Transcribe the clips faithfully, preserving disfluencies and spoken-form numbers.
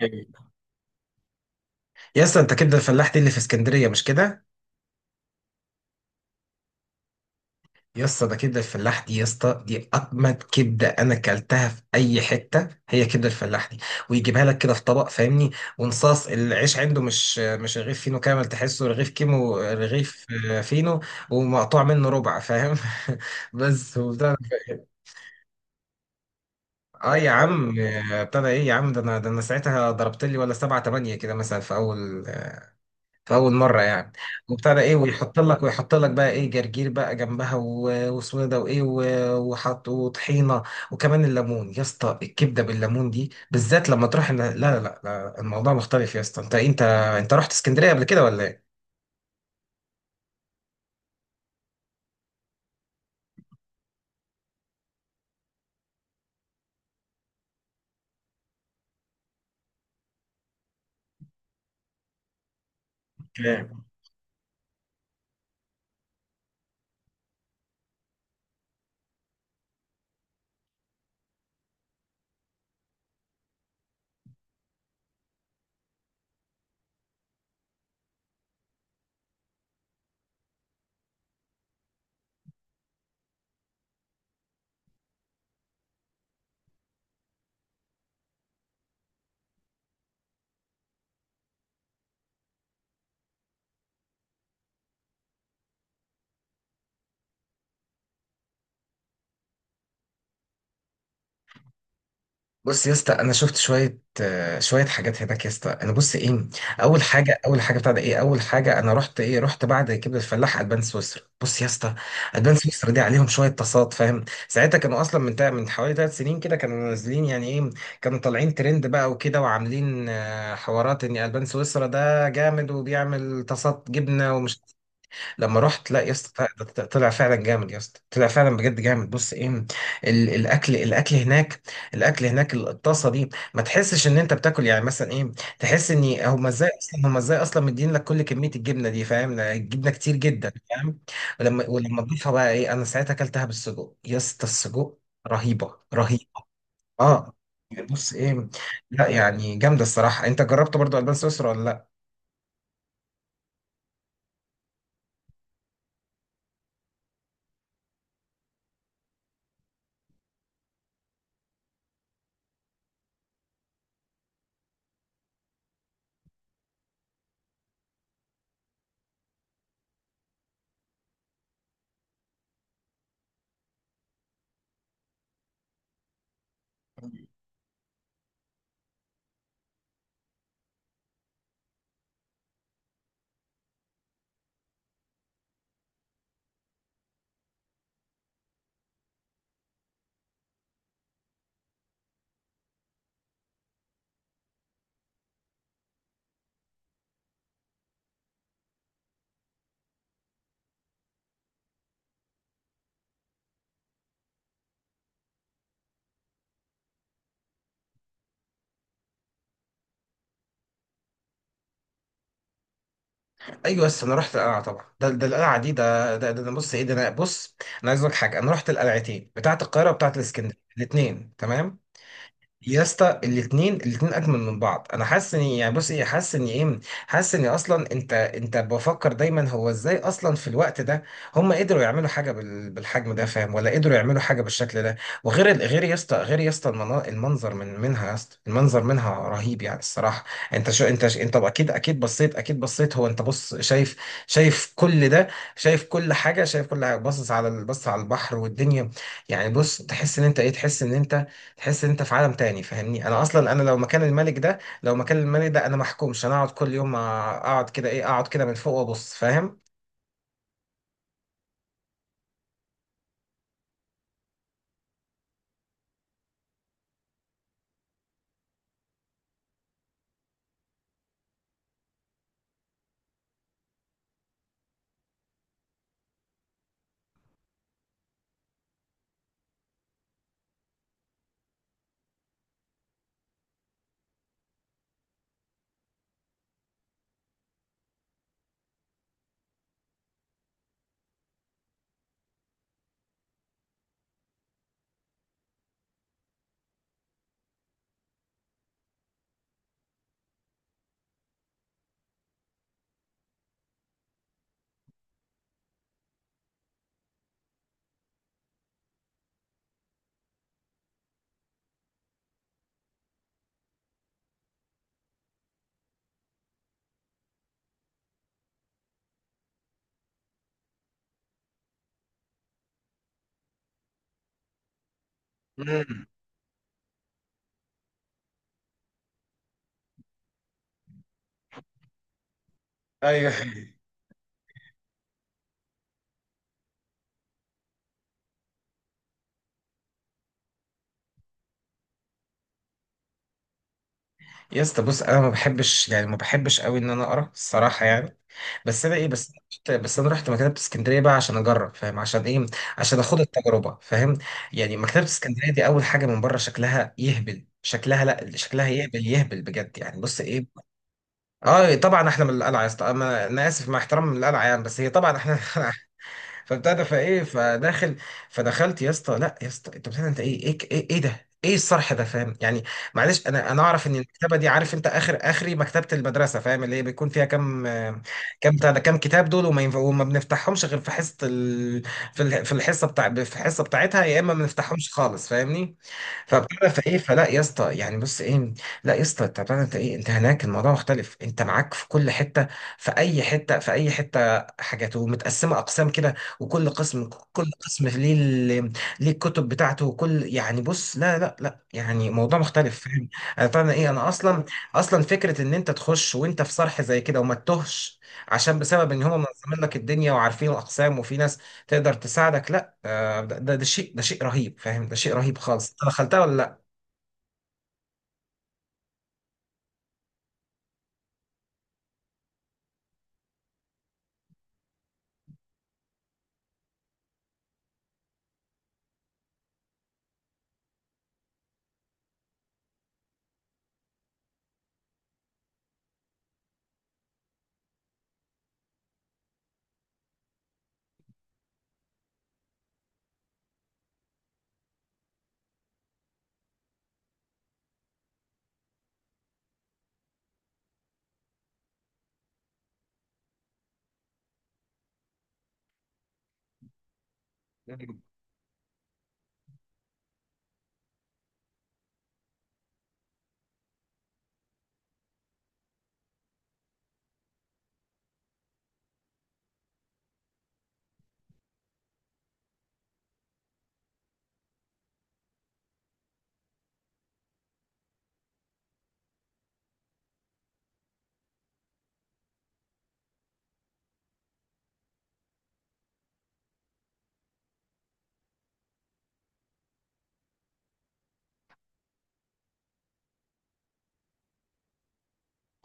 يا اسطى، انت كبده الفلاح دي اللي في اسكندريه، مش كده؟ يا اسطى ده كبده الفلاح دي، يا اسطى دي اجمد كبده انا اكلتها في اي حته. هي كبده الفلاح دي ويجيبها لك كده في طبق، فاهمني؟ ونصاص العيش عنده مش مش رغيف فينو كامل، تحسه رغيف كيمو، رغيف آه، فينو، ومقطوع منه ربع، فاهم؟ بس وبتاع. اه يا عم، آه، ابتدى ايه يا عم؟ ده انا، ده انا ساعتها ضربت لي ولا سبعة تمانية كده، مثلا في اول في اول مره يعني. وابتدى ايه، ويحط لك ويحط لك بقى ايه؟ جرجير بقى جنبها، و- واسمه ده، وايه، و- وحط وطحينه، وكمان الليمون. يا اسطى الكبده بالليمون دي بالذات لما تروح إن- لا لا لا، الموضوع مختلف يا اسطى. انت انت انت رحت اسكندريه قبل كده ولا ايه؟ بص يا اسطى، انا شفت شويه آه، شويه حاجات هناك يا اسطى. انا بص ايه، اول مم. حاجه، اول حاجه بتاع ده ايه، اول حاجه انا رحت ايه، رحت بعد كبده الفلاح البان سويسرا. بص يا اسطى، البان سويسرا دي عليهم شويه تصاعد، فاهم؟ ساعتها كانوا اصلا من تا- من حوالي ثلاث سنين كده، كانوا نازلين يعني ايه، كانوا طالعين ترند بقى وكده، وعاملين آه، حوارات ان البان سويسرا ده جامد وبيعمل تصاعد جبنه ومش... لما رحت، لا يا اسطى، ط- ط- طلع فعلا جامد يا اسطى، طلع فعلا بجد جامد. بص ايه، ال- الاكل الاكل هناك، الاكل هناك الطاسه دي ما تحسش ان انت بتاكل يعني مثلا ايه. تحس ان هم ازاي اصلا، هم ازاي اصلا مدين لك كل كميه الجبنه دي، فاهم؟ الجبنه كتير جدا، فاهم؟ ولما ولما تضيفها بقى ايه، انا ساعتها اكلتها بالسجق يا اسطى. السجق رهيبه رهيبه. اه، بص ايه. لا يعني جامده الصراحه. انت جربت برضو البان سويسرا ولا لا؟ ايوه، بس انا رحت القلعه طبعا. ده ده القلعه دي، ده ده, ده, ده بص ايه، ده انا بص. انا عايز اقول لك حاجه، انا رحت القلعتين بتاعه القاهره وبتاعه الاسكندريه الاثنين، تمام؟ يا اسطى الاثنين، الاثنين اجمل من بعض. انا حاسس ان يعني، بص ايه، حاسس ان ايه، حاسس ان اصلا، انت انت بفكر دايما هو ازاي اصلا في الوقت ده هم قدروا يعملوا حاجه بال- بالحجم ده، فاهم؟ ولا قدروا يعملوا حاجه بالشكل ده. وغير ال- غير يا اسطى، غير يا اسطى المنا- المنظر من منها، يا اسطى المنظر منها رهيب يعني الصراحه. انت شو انت ش- انت اكيد، اكيد بصيت، اكيد بصيت، هو انت بص، شايف؟ شايف كل ده، شايف كل حاجه، شايف كل حاجه، باصص على ال- بص على البحر والدنيا. يعني بص، تحس ان انت ايه، تحس ان انت، تحس ان انت في عالم تاني، فاهمني؟ انا اصلا، انا لو مكان الملك ده، لو مكان الملك ده، انا محكومش، انا اقعد كل يوم، اقعد كده ايه، اقعد كده من فوق وابص، فاهم؟ ايوه يا اسطى، بص، انا ما بحبش يعني، ما بحبش قوي ان انا اقرا الصراحه يعني. بس انا ايه، بس، بس انا رحت مكتبه اسكندريه بقى عشان اجرب، فاهم؟ عشان ايه، عشان اخد التجربه، فاهم؟ يعني مكتبه اسكندريه دي، اول حاجه من بره شكلها يهبل، شكلها لا، شكلها يهبل يهبل بجد يعني. بص ايه، اه طبعا احنا من القلعه يا اسطى، انا أنا اسف مع احترامي، من القلعه يعني، بس هي طبعا احنا فابتدى فايه فداخل فدخلت يا اسطى، لا يا اسطى انت بتعمل، انت ايه، ايه ايه, إيه ده، ايه الصرح ده، فاهم يعني؟ معلش انا، انا اعرف ان المكتبه دي، عارف انت؟ اخر، اخري مكتبه المدرسه، فاهم اللي هي بيكون فيها كام، آه، كام بتاع ده، كام كتاب دول، وما ينفع وما بنفتحهمش غير في حصه ال... في الح- في الحصه بتاع، في الحصه بتاعتها، يا اما ما بنفتحهمش خالص، فاهمني؟ فبتعرف ايه، فلا يا اسطى يعني بص ايه، لا يا اسطى انت بتعرف انت ايه، انت هناك الموضوع مختلف، انت معاك في كل حته، في اي حته، في اي حته حاجات ومتقسمه اقسام كده، وكل قسم، كل قسم ليه ال- ليه الكتب بتاعته، وكل يعني بص، لا لا لا، يعني موضوع مختلف، فاهم؟ انا طبعا ايه، انا اصلا، اصلا فكره ان انت تخش وانت في صرح زي كده وما تتهش، عشان بسبب ان هم منظمين لك الدنيا وعارفين الاقسام، وفي ناس تقدر تساعدك. لا آه، ده، ده ده شيء، ده شيء رهيب، فاهم؟ ده شيء رهيب خالص. انت دخلتها ولا لا؟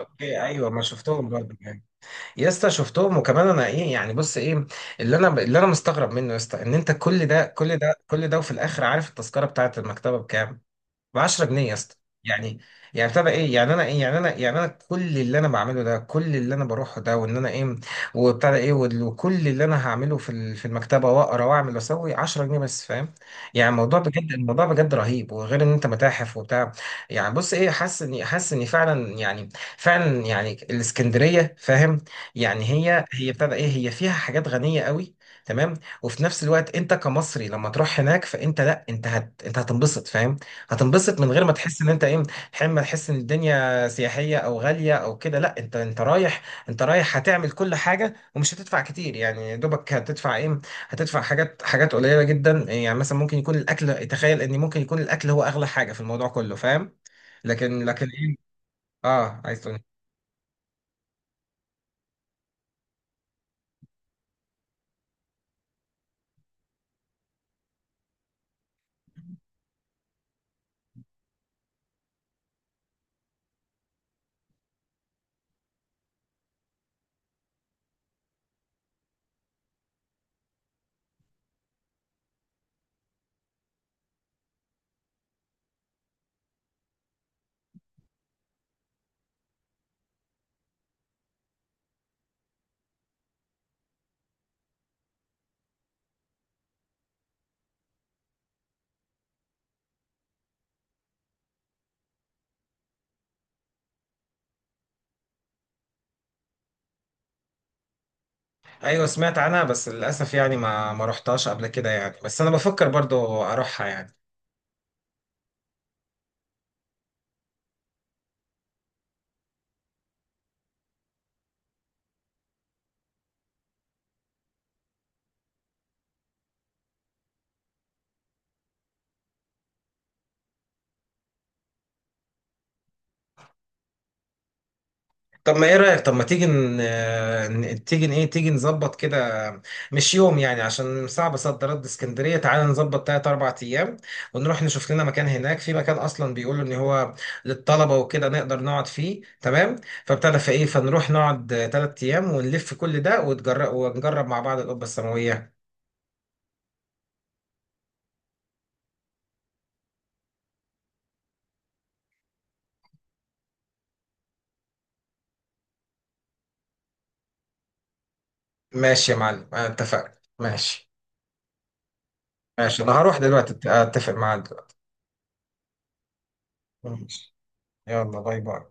اوكي ايوه، ما شفتهم برضه يعني. يا اسطى شفتهم، وكمان انا ايه يعني، بص ايه، اللي انا اللي انا مستغرب منه يا اسطى، ان انت كل ده كل ده كل ده، وفي الاخر عارف التذكره بتاعت المكتبه بكام؟ ب عشرة جنيه يا اسطى. يعني، يعني بتبقى ايه يعني، انا ايه يعني، انا يعني انا كل اللي انا بعمله ده، كل اللي انا بروحه ده، وان انا ايه، وبتاع ده ايه، وال- وكل اللي انا هعمله في ال- في المكتبه واقرا واعمل واسوي عشرة جنيه بس، فاهم؟ يعني الموضوع بجد، الموضوع بجد رهيب، وغير ان انت متاحف وبتاع. يعني بص ايه، حاسس اني، حاسس اني فعلا يعني، فعلا يعني الاسكندريه، فاهم؟ يعني هي هي بتاع ده ايه، هي فيها حاجات غنيه قوي، تمام؟ وفي نفس الوقت انت كمصري لما تروح هناك، فانت لا، انت هت انت هتنبسط، فاهم؟ هتنبسط من غير ما تحس ان انت ايه، حين ما تحس ان الدنيا سياحيه او غاليه او كده، لا انت انت رايح، انت رايح هتعمل كل حاجه ومش هتدفع كتير يعني، يا دوبك هتدفع ايه، هتدفع حاجات حاجات قليله جدا يعني. مثلا ممكن يكون الاكل، تخيل ان ممكن يكون الاكل هو اغلى حاجه في الموضوع كله، فاهم؟ لكن لكن ايه. اه عايز تقول إيه؟ ايوه سمعت عنها بس للاسف يعني، ما ما رحتهاش قبل كده يعني، بس انا بفكر برضو اروحها يعني. طب ما ايه رأيك، طب ما تيجي ن... آه، ن- تيجي ن- ايه، تيجي نظبط كده، مش يوم يعني، عشان صعب صد رد اسكندرية. تعالى نظبط تلات أربع أيام، ونروح نشوف لنا مكان هناك، في مكان أصلا بيقولوا إن هو للطلبة وكده نقدر نقعد فيه، تمام؟ فابتدى في ايه، فنروح نقعد تلات أيام، ونلف كل ده، وتجرب ونجرب مع بعض القبة السماوية. ماشي يا معلم، أنا اتفقنا. ماشي، ماشي أنا هروح دلوقتي، أت- أتفق معاك دلوقتي. ماشي، يلا باي باي.